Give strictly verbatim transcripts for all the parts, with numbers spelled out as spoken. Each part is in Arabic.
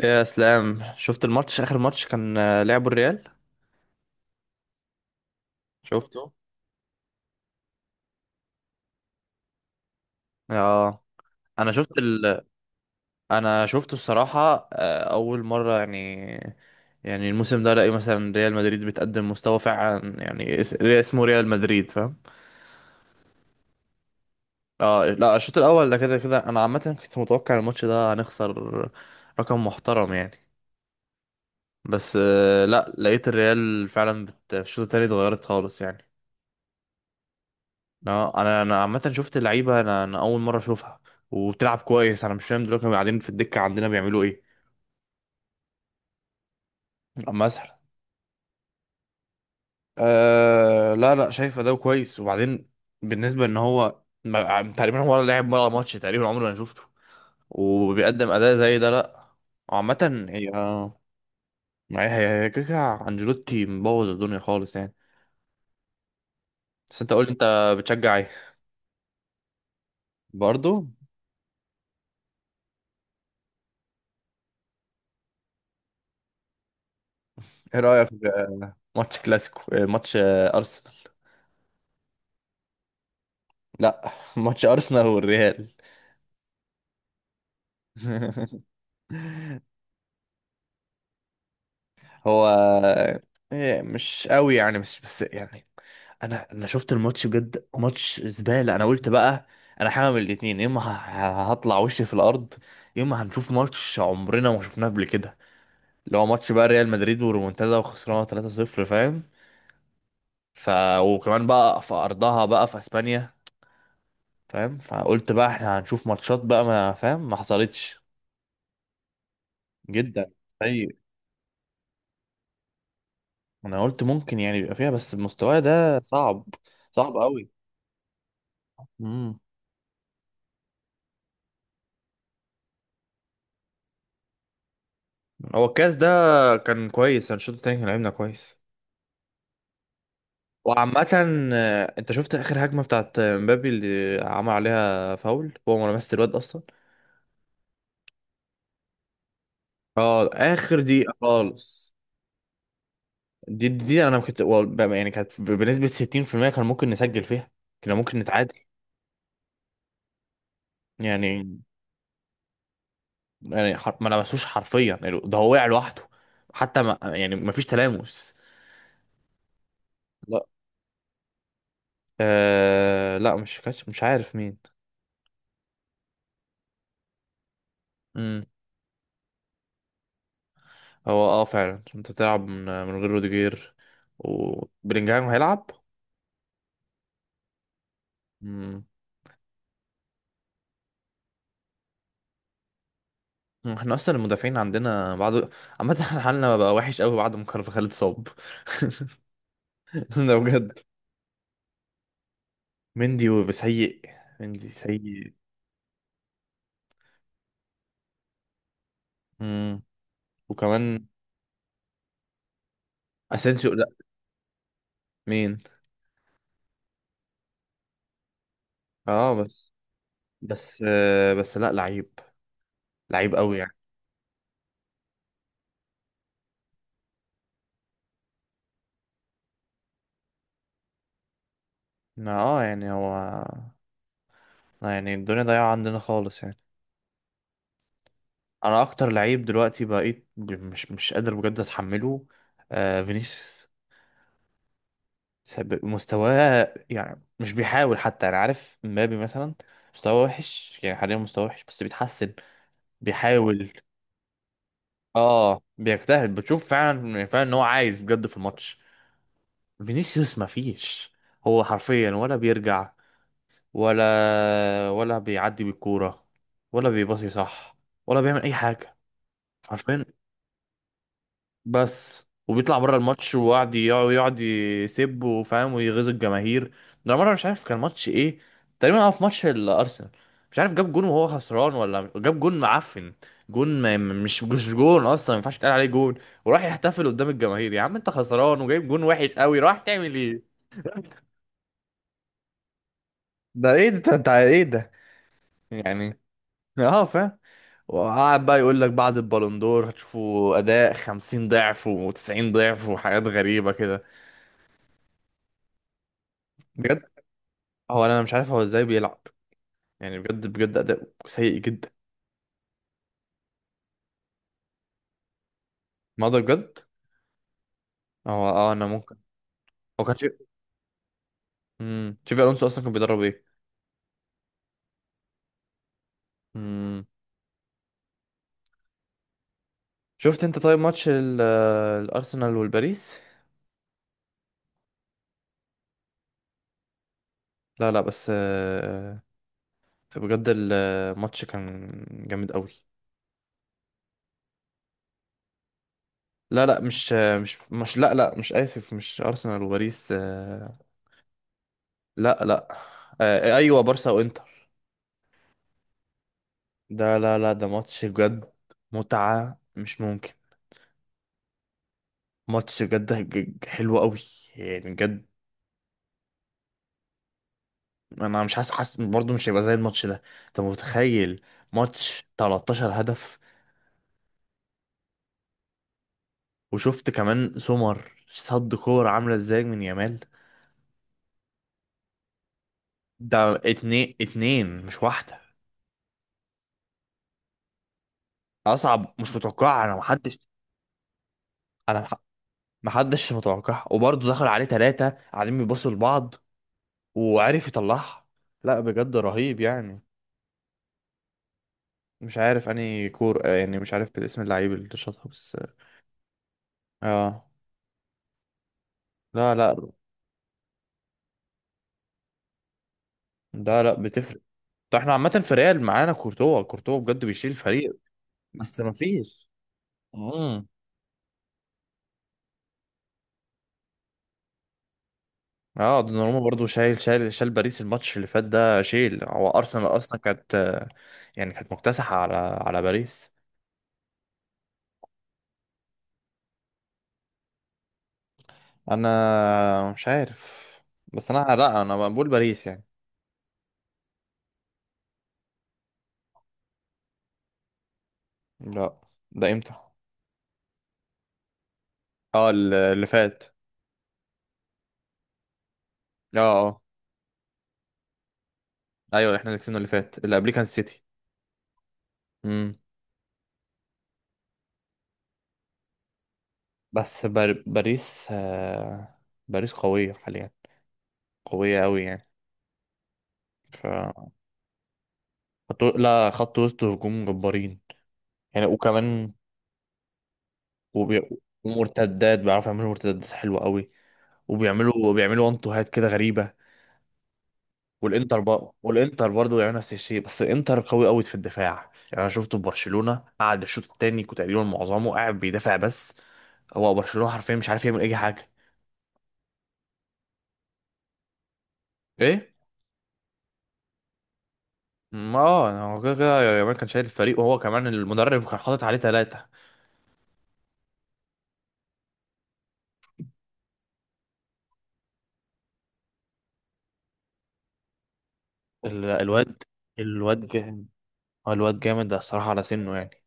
يا اسلام، شفت الماتش؟ اخر ماتش كان، آه، لعبوا الريال. شفته. اه. انا شفت ال... انا شفته الصراحه، آه، اول مره يعني. يعني الموسم ده الاقي مثلا ريال مدريد بتقدم مستوى فعلا، يعني اس- اسمه ريال مدريد، فاهم. اه لا، الشوط الاول ده كده كده، انا عامه كنت متوقع الماتش ده هنخسر. رقم محترم يعني. بس آه، لا، لقيت الريال فعلا بت... في الشوط التاني اتغيرت خالص يعني. لا انا انا عامه شفت لعيبه، انا انا اول مره اشوفها. وبتلعب كويس. انا مش فاهم دلوقتي كانوا قاعدين في الدكه عندنا بيعملوا ايه. مثلا. أه لا لا، شايف اداؤه كويس. وبعدين بالنسبه ان هو ما- تقريبا هو ولا لعب ولا ماتش تقريبا عمري ما شفته وبيقدم اداء زي ده، لا. عامه هي، آه، هي هي هي كده كده، انجيلوتي مبوظ الدنيا خالص يعني. بس انت قول لي، انت بتشجع ايه؟ برضه. ايه رايك في ماتش كلاسيكو، آه، ماتش، آه، ارسنال. لا ماتش ارسنال والريال. هو إيه، مش قوي يعني، مش بس يعني انا انا شفت الماتش، بجد ماتش زبالة. انا قلت بقى انا هعمل الاتنين: يا اما ه- ه- هطلع وشي في الارض، يا اما هنشوف ماتش عمرنا ما شفناه قبل كده، اللي هو ماتش بقى ريال مدريد ورومونتادا وخسرانه ثلاثة صفر، فاهم. ف وكمان بقى في ارضها بقى، في اسبانيا، فاهم. فقلت بقى احنا هنشوف ماتشات بقى، ما فاهم ما حصلتش. جدا. طيب. انا قلت ممكن يعني يبقى فيها، بس المستوى ده صعب. صعب قوي. امم. هو الكاس ده كان كويس. أنا الشوط التاني كان لعبنا كويس. وعامة، آه، انت شفت اخر هجمة بتاعت مبابي اللي عمل عليها فاول؟ هو ما لمس الواد اصلا. اه، اخر دقيقة خالص. دي دي انا كنت وال- بقى- يعني كانت بنسبة ستين في المية كان ممكن نسجل فيها، كان ممكن نتعادل يعني. يعني حر- ما لمسوش حرفيا يعني، ده هو وقع لوحده، حتى ما يعني ما فيش تلامس. آه لا، مش كاتش، مش عارف مين. امم. هو اه فعلا، انت بتلعب من, من غير روديجير، وبلينجهام هيلعب. امم. احنا اصلا المدافعين عندنا بعد عامة احنا حالنا بقى وحش قوي بعد ما كارفاخال اتصاب. ده بجد. مندي وسيء. مندي سيء. امم. وكمان اسينسيو، لا. مين؟ اه بس. بس، آه بس لا، لعيب. لعيب قوي يعني. ما اه يعني هو، آه يعني الدنيا ضايعة عندنا خالص يعني. انا اكتر لعيب دلوقتي بقيت ب- مش مش قادر بجد اتحمله، آه فينيسيوس. سب- مستواه، يعني مش بيحاول حتى. انا عارف مبابي مثلا مستواه وحش يعني حاليا، مستواه وحش بس بيتحسن، بيحاول. اه بيجتهد، بتشوف فعلا يعني فعلا ان هو عايز بجد في الماتش. فينيسيوس مفيش، هو حرفيا ولا بيرجع، ولا ولا بيعدي بالكورة، ولا بيباصي صح، ولا بيعمل اي حاجة، حرفيا. بس وبيطلع بره الماتش وقعد يقعد يقعد يسب، وفاهم، ويغيظ الجماهير. ده مره مش عارف كان ماتش ايه، تقريبا اه في ماتش الارسنال، مش عارف جاب جون وهو خسران، ولا جاب جون معفن. جون ما مش مش جون اصلا، ما ينفعش يتقال عليه جون. وراح يحتفل قدام الجماهير. يا عم انت خسران وجايب جون وحش قوي، راح تعمل ايه؟ ده ايه ده؟ انت أنت ايه ده؟ يعني، اه فاهم. وقعد بقى يقول لك بعد البالون دور هتشوفوا اداء خمسين ضعف و90 ضعف وحاجات غريبه كده. بجد. هو انا مش عارف هو ازاي بيلعب، يعني بجد بجد اداء سيء جدا. ما ده بجد. هو اه انا ممكن، هو كان شيف. امم شيفي الونسو اصلا كان بيدرب ايه؟ امم. شفت انت طيب ماتش ال- آه، الارسنال والباريس؟ لا لا، بس، آه، بجد الماتش كان جامد قوي. لا لا، مش آه، مش مش لا لا، مش، اسف، مش ارسنال وباريس، آه، لا لا، آه، ايوه، بارسا وانتر. ده، لا لا، ده ماتش بجد متعة مش ممكن. ماتش بجد هج- حلو قوي، يعني بجد. انا مش حاسس، حاسس برضه مش هيبقى زي الماتش ده. انت متخيل ماتش 13 هدف؟ وشفت كمان سمر صد كور عامله ازاي من يامال. ده اتنين اتنين مش واحده. اصعب، مش متوقع. انا محدش، انا مح- محدش متوقع. وبرضه دخل عليه ثلاثه قاعدين بيبصوا لبعض، وعرف يطلعها. لا بجد رهيب يعني. مش عارف اني كور، آه، يعني مش عارف الاسم، اللعيب اللي شاطها بس. اه، لا لا. ده لا، بتفرق. ده احنا عامة في ريال معانا كورتوا، كورتوا بجد بيشيل الفريق. بس ما فيش. امم. اه دوناروما برضو شايل شايل شال باريس الماتش اللي فات ده. شيل. هو ارسنال اصلا كانت يعني كانت مكتسحة على على باريس. انا مش عارف. بس انا، لا، انا بقول باريس يعني. لا، ده امتى؟ اه ال- اللي فات. اه. اه ايوه، احنا اللي كسبنا اللي فات، اللي قبليه كان سيتي. امم. بس بار... باريس آه... باريس قوية حاليا، قوية قوي يعني. ف خط... لا، خط وسط وهجوم جبارين يعني. وكمان وبي... ومرتدات، بيعرفوا يعملوا مرتدات حلوة قوي. وبيعملوا وبيعملوا وان تو هات كده غريبة. والانتر بقى والانتر برضه بيعملوا نفس الشيء، بس الانتر قوي قوي في الدفاع يعني. انا شفته في برشلونة قعد الشوط التاني كنت تقريبا معظمه قاعد بيدافع بس. هو برشلونة حرفيا مش عارف يعمل اي حاجة. ايه. ما اه يعني هو كده كده يامال كان شايل الفريق، وهو كمان المدرب كان حاطط عليه ثلاثة. الواد. الواد جامد. الواد جامد الصراحة على سنه يعني.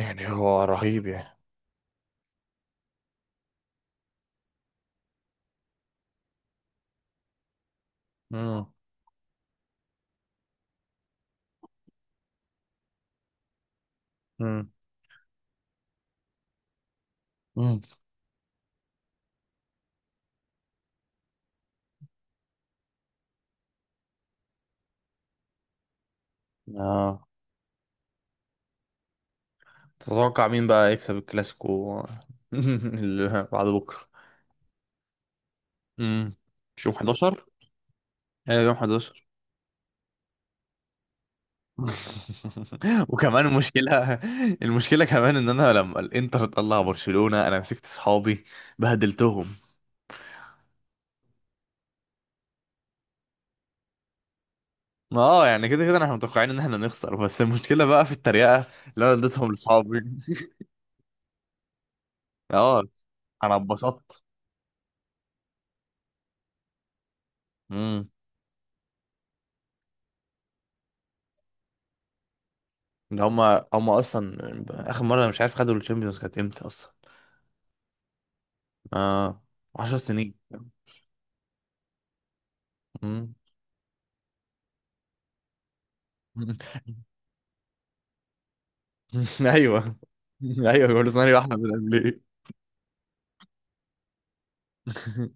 يعني هو رهيب يعني. امم. امم. مم. اه تتوقع مين بقى يكسب الكلاسيكو؟ اللي بعد بكره. مم. مش يوم حداشر؟ ايوه يوم احد عشر. وكمان المشكله، المشكله كمان ان انا لما الانتر طلع برشلونه انا مسكت صحابي بهدلتهم. اه يعني كده كده احنا متوقعين ان احنا نخسر، بس المشكله بقى في التريقه اللي انا اديتهم لصحابي. اه. انا اتبسطت. مم. ده هما هما اصلا اخر مره أنا مش عارف خدوا الشامبيونز كانت امتى اصلا. اه، عشر سنين. مم. ايوه. ايوه كل سنه يبقى احنا بنعمل ايه.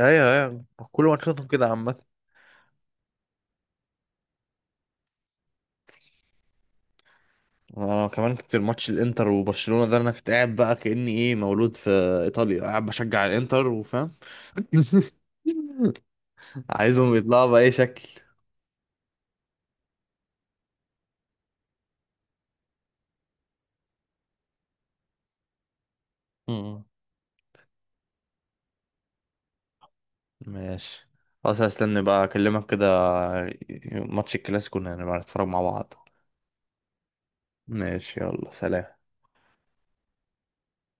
ايوه. ايوه كل ماتشاتهم كده عامه. انا كمان كنت الماتش الانتر وبرشلونه ده انا كنت قاعد بقى كاني ايه، مولود في ايطاليا، قاعد بشجع الانتر، وفاهم عايزهم يطلعوا بأي شكل. مم. ماشي، خلاص هستنى بقى اكلمك كده، ماتش الكلاسيكو نبقى نتفرج مع بعض. ماشي يلا سلام.